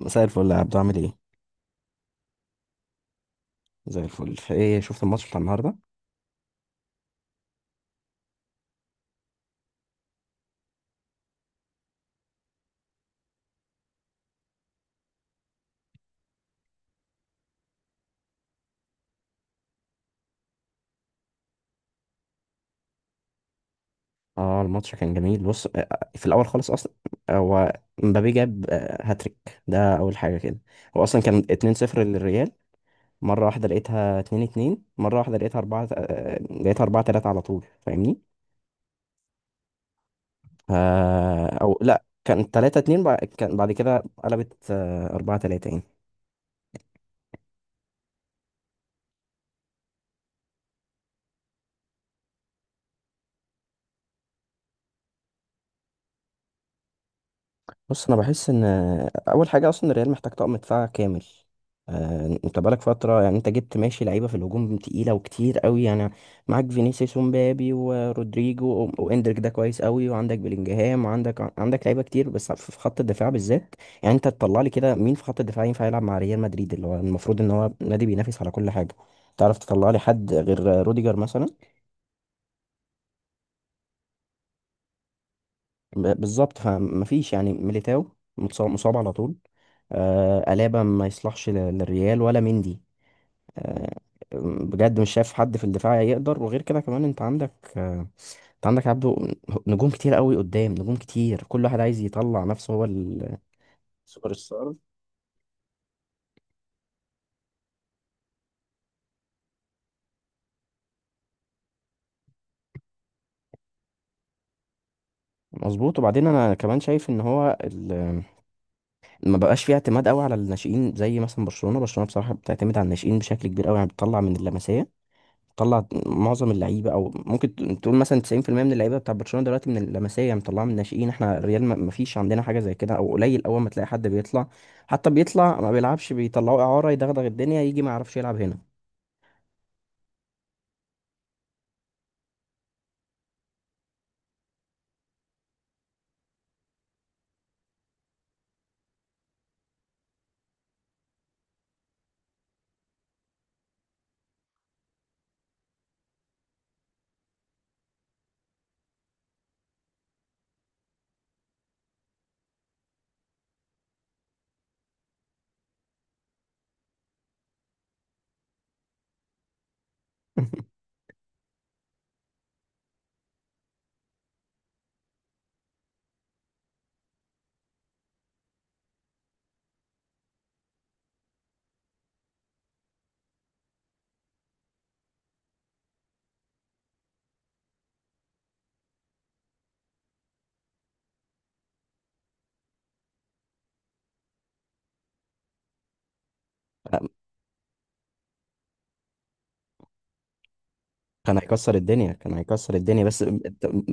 مساء الفل يا عبدو، عامل ايه؟ زي الفل. ايه، شفت الماتش بتاع النهارده؟ اه، الماتش كان جميل. بص، في الاول خالص اصلا هو مبابي جاب هاتريك، ده اول حاجه كده. هو اصلا كان 2-0 للريال. مره واحده لقيتها 2-2، مره واحده لقيتها 4 لقيتها 4-3 على طول، فاهمني. او لا كان 3-2، كان بعد كده قلبت 4-3 يعني. بص، انا بحس ان اول حاجه اصلا الريال محتاج طقم دفاع كامل. انت بقالك فتره يعني، انت جبت ماشي لعيبه في الهجوم تقيله وكتير قوي يعني. معاك فينيسيوس ومبابي ورودريجو واندريك، ده كويس قوي، وعندك بلينجهام وعندك لعيبه كتير، بس في خط الدفاع بالذات. يعني انت تطلع لي كده مين في خط الدفاع ينفع يلعب مع ريال مدريد، اللي هو المفروض ان هو نادي بينافس على كل حاجه؟ تعرف تطلع لي حد غير روديجر مثلا؟ بالظبط، فمفيش يعني، ميليتاو مصاب على طول. آه، ألابا ما يصلحش للريال، ولا مندي. آه، بجد مش شايف حد في الدفاع يقدر. وغير كده كمان انت عندك، آه، انت عندك، عبده، نجوم كتير قوي قدام، نجوم كتير كل واحد عايز يطلع نفسه هو السوبر ستار. مظبوط. وبعدين انا كمان شايف ان هو، ما بقاش فيه اعتماد قوي على الناشئين، زي مثلا برشلونة بصراحة بتعتمد على الناشئين بشكل كبير قوي يعني، بتطلع من اللمسية، طلع معظم اللعيبه. او ممكن تقول مثلا 90% من اللعيبه بتاع برشلونه دلوقتي من اللمسيه يعني، مطلعه من الناشئين. احنا الريال ما فيش عندنا حاجه زي كده، او قليل. اول ما تلاقي حد بيطلع، حتى بيطلع ما بيلعبش، بيطلعوه اعاره يدغدغ الدنيا، يجي ما يعرفش يلعب هنا. كان هيكسر الدنيا، كان هيكسر الدنيا بس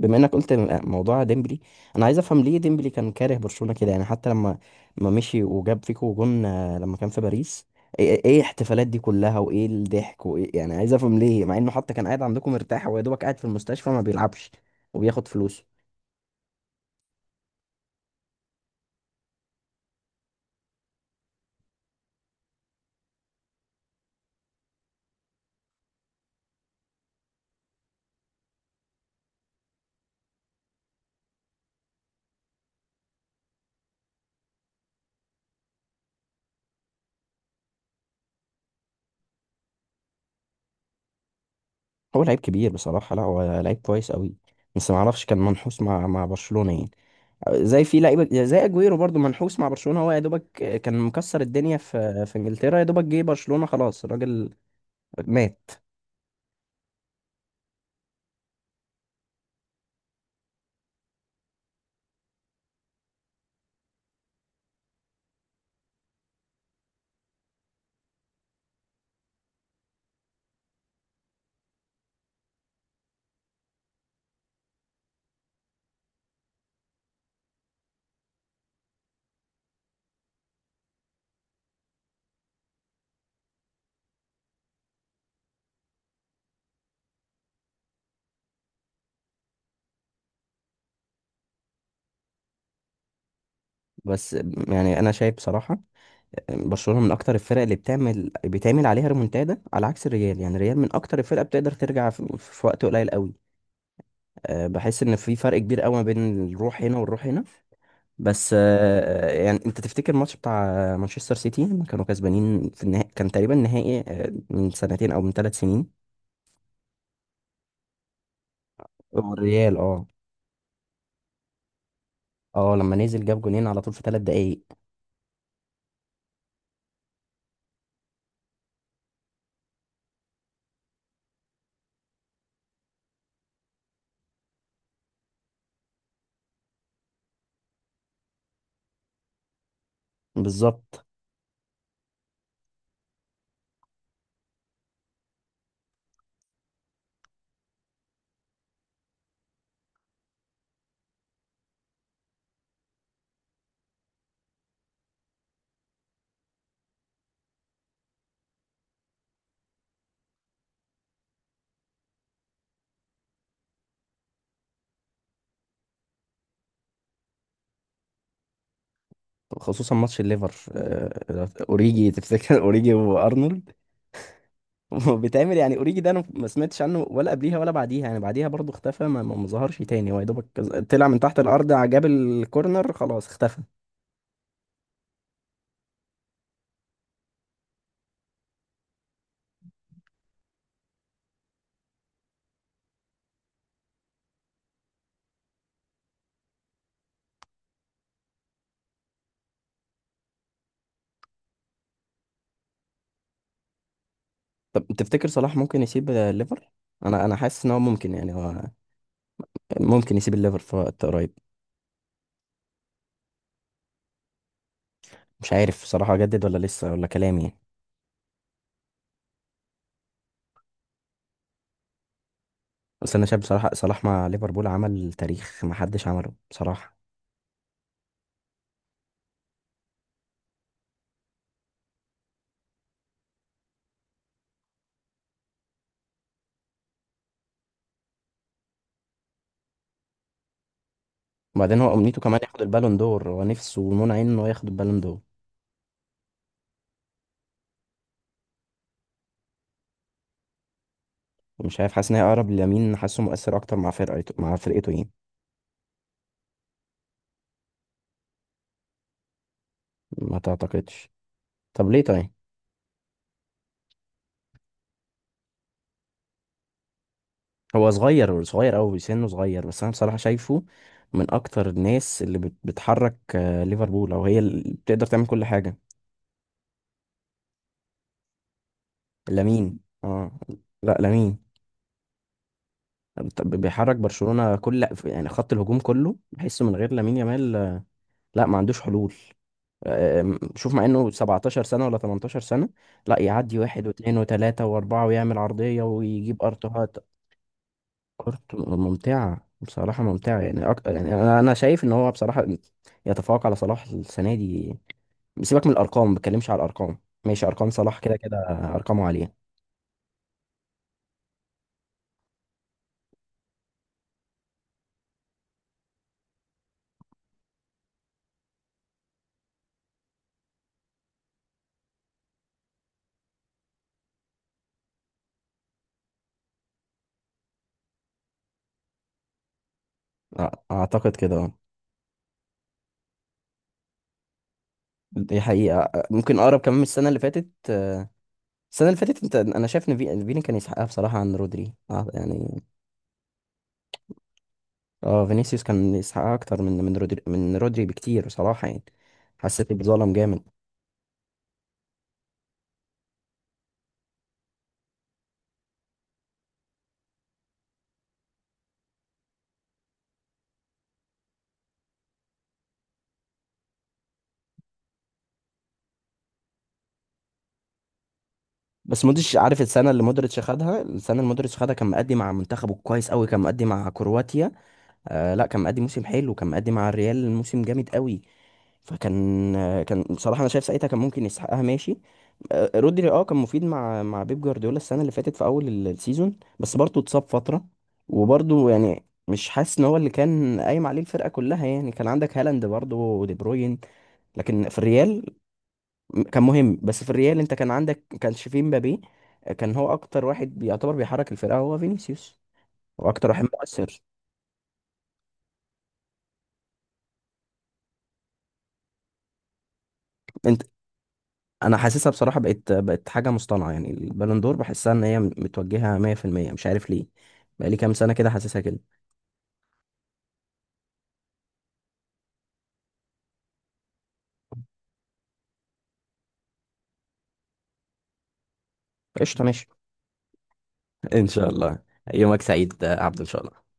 بما انك قلت موضوع ديمبلي، انا عايز افهم ليه ديمبلي كان كاره برشلونة كده يعني. حتى لما ما مشي وجاب فيكو جون، لما كان في باريس، ايه إيه إيه الاحتفالات دي كلها وايه الضحك وايه يعني. عايز افهم ليه، مع انه حتى كان قاعد عندكم مرتاح ويا دوبك قاعد في المستشفى ما بيلعبش وبياخد فلوسه. هو لعيب كبير بصراحة. لا، هو لعيب كويس قوي. بس ما اعرفش، كان منحوس مع برشلونة يعني. زي في لعيبه زي اجويرو برضو منحوس مع برشلونه. هو يا دوبك كان مكسر الدنيا في انجلترا، يا دوبك جه برشلونه، خلاص الراجل مات. بس يعني انا شايف بصراحه، برشلونه من اكتر الفرق اللي بيتعمل عليها ريمونتادا، على عكس الريال. يعني الريال من اكتر الفرق بتقدر ترجع في وقت قليل قوي. أه، بحس ان في فرق كبير قوي ما بين الروح هنا والروح هنا. بس أه، يعني انت تفتكر الماتش بتاع مانشستر سيتي لما كانوا كسبانين في النهائي؟ كان تقريبا نهائي أه، من سنتين او من 3 سنين. والريال، اه. اه، لما نزل جاب جونين على طول في 3 دقايق. بالظبط. خصوصا ماتش الليفر، اوريجي. تفتكر اوريجي وارنولد؟ بيتعمل يعني. اوريجي ده انا ما سمعتش عنه ولا قبليها ولا بعديها يعني، بعديها برضو اختفى، ما ظهرش تاني. هو يا دوبك طلع من تحت الارض، جاب الكورنر خلاص اختفى. طب تفتكر صلاح ممكن يسيب الليفر؟ انا حاسس ان هو ممكن يعني. هو ممكن يسيب الليفر في وقت قريب. مش عارف صراحة، اجدد ولا لسه، ولا كلامي يعني. بس انا شايف بصراحة، صلاح مع ليفربول عمل تاريخ ما حدش عمله بصراحة. وبعدين هو امنيته كمان ياخد البالون دور، هو نفسه ومنون عينه ان هو ياخد البالون دور. مش عارف، حاسس ان هي اقرب لليمين، حاسه مؤثر اكتر مع فرقته، مع فرقته يعني. ما تعتقدش؟ طب ليه طيب؟ هو صغير، صغير قوي سنه، صغير. بس انا بصراحه شايفه من اكتر الناس اللي بتحرك، ليفربول، او هي اللي بتقدر تعمل كل حاجه. لامين. اه. لا، لامين. طب بيحرك برشلونه، كل يعني خط الهجوم كله بحسه من غير لامين يامال، لا، ما عندوش حلول. آه، أم، شوف، مع انه 17 سنة ولا 18 سنة لا، يعدي واحد واثنين وثلاثة واربعة ويعمل عرضية ويجيب ارتوهات. كورت ممتعة بصراحة، ممتعة يعني، يعني انا شايف ان هو بصراحة يتفوق على صلاح السنة دي. سيبك من الارقام، ما بتكلمش على الارقام، ماشي، ارقام صلاح كده كده، ارقامه عالية. اعتقد كده. دي حقيقة. ممكن اقرب كمان من السنة اللي فاتت. السنة اللي فاتت انا شايف ان فيني كان يسحقها بصراحة عن رودري يعني. اه، فينيسيوس كان يستحق اكتر من رودري، من رودري بكتير بصراحه يعني. حسيت بظلم جامد. بس مودريتش، عارف السنه اللي مودريتش خدها؟ السنه اللي مودريتش خدها كان مأدي مع منتخبه كويس قوي، كان مأدي مع كرواتيا. آه، لا، كان مأدي موسم حلو، كان مأدي مع الريال موسم جامد قوي. فكان كان بصراحه انا شايف ساعتها كان ممكن يستحقها، ماشي. آه، رودري، اه، كان مفيد مع بيب جوارديولا السنه اللي فاتت في اول السيزون، بس برضه اتصاب فتره. وبرضه يعني مش حاسس ان هو اللي كان قايم عليه الفرقه كلها يعني، كان عندك هالاند برضه ودي بروين. لكن في الريال، كان مهم. بس في الريال انت كان عندك كانش فيه مبابي، كان هو اكتر واحد بيعتبر بيحرك الفرقه هو فينيسيوس. هو اكتر واحد مؤثر. انت انا حاسسها بصراحه، بقت حاجه مصطنعه يعني. البالون دور بحسها ان هي متوجهه 100%. مش عارف ليه، بقالي كام سنه كده حاسسها كده. قشطه، ماشي. ان شاء الله. يومك سعيد يا عبد، ان شاء الله.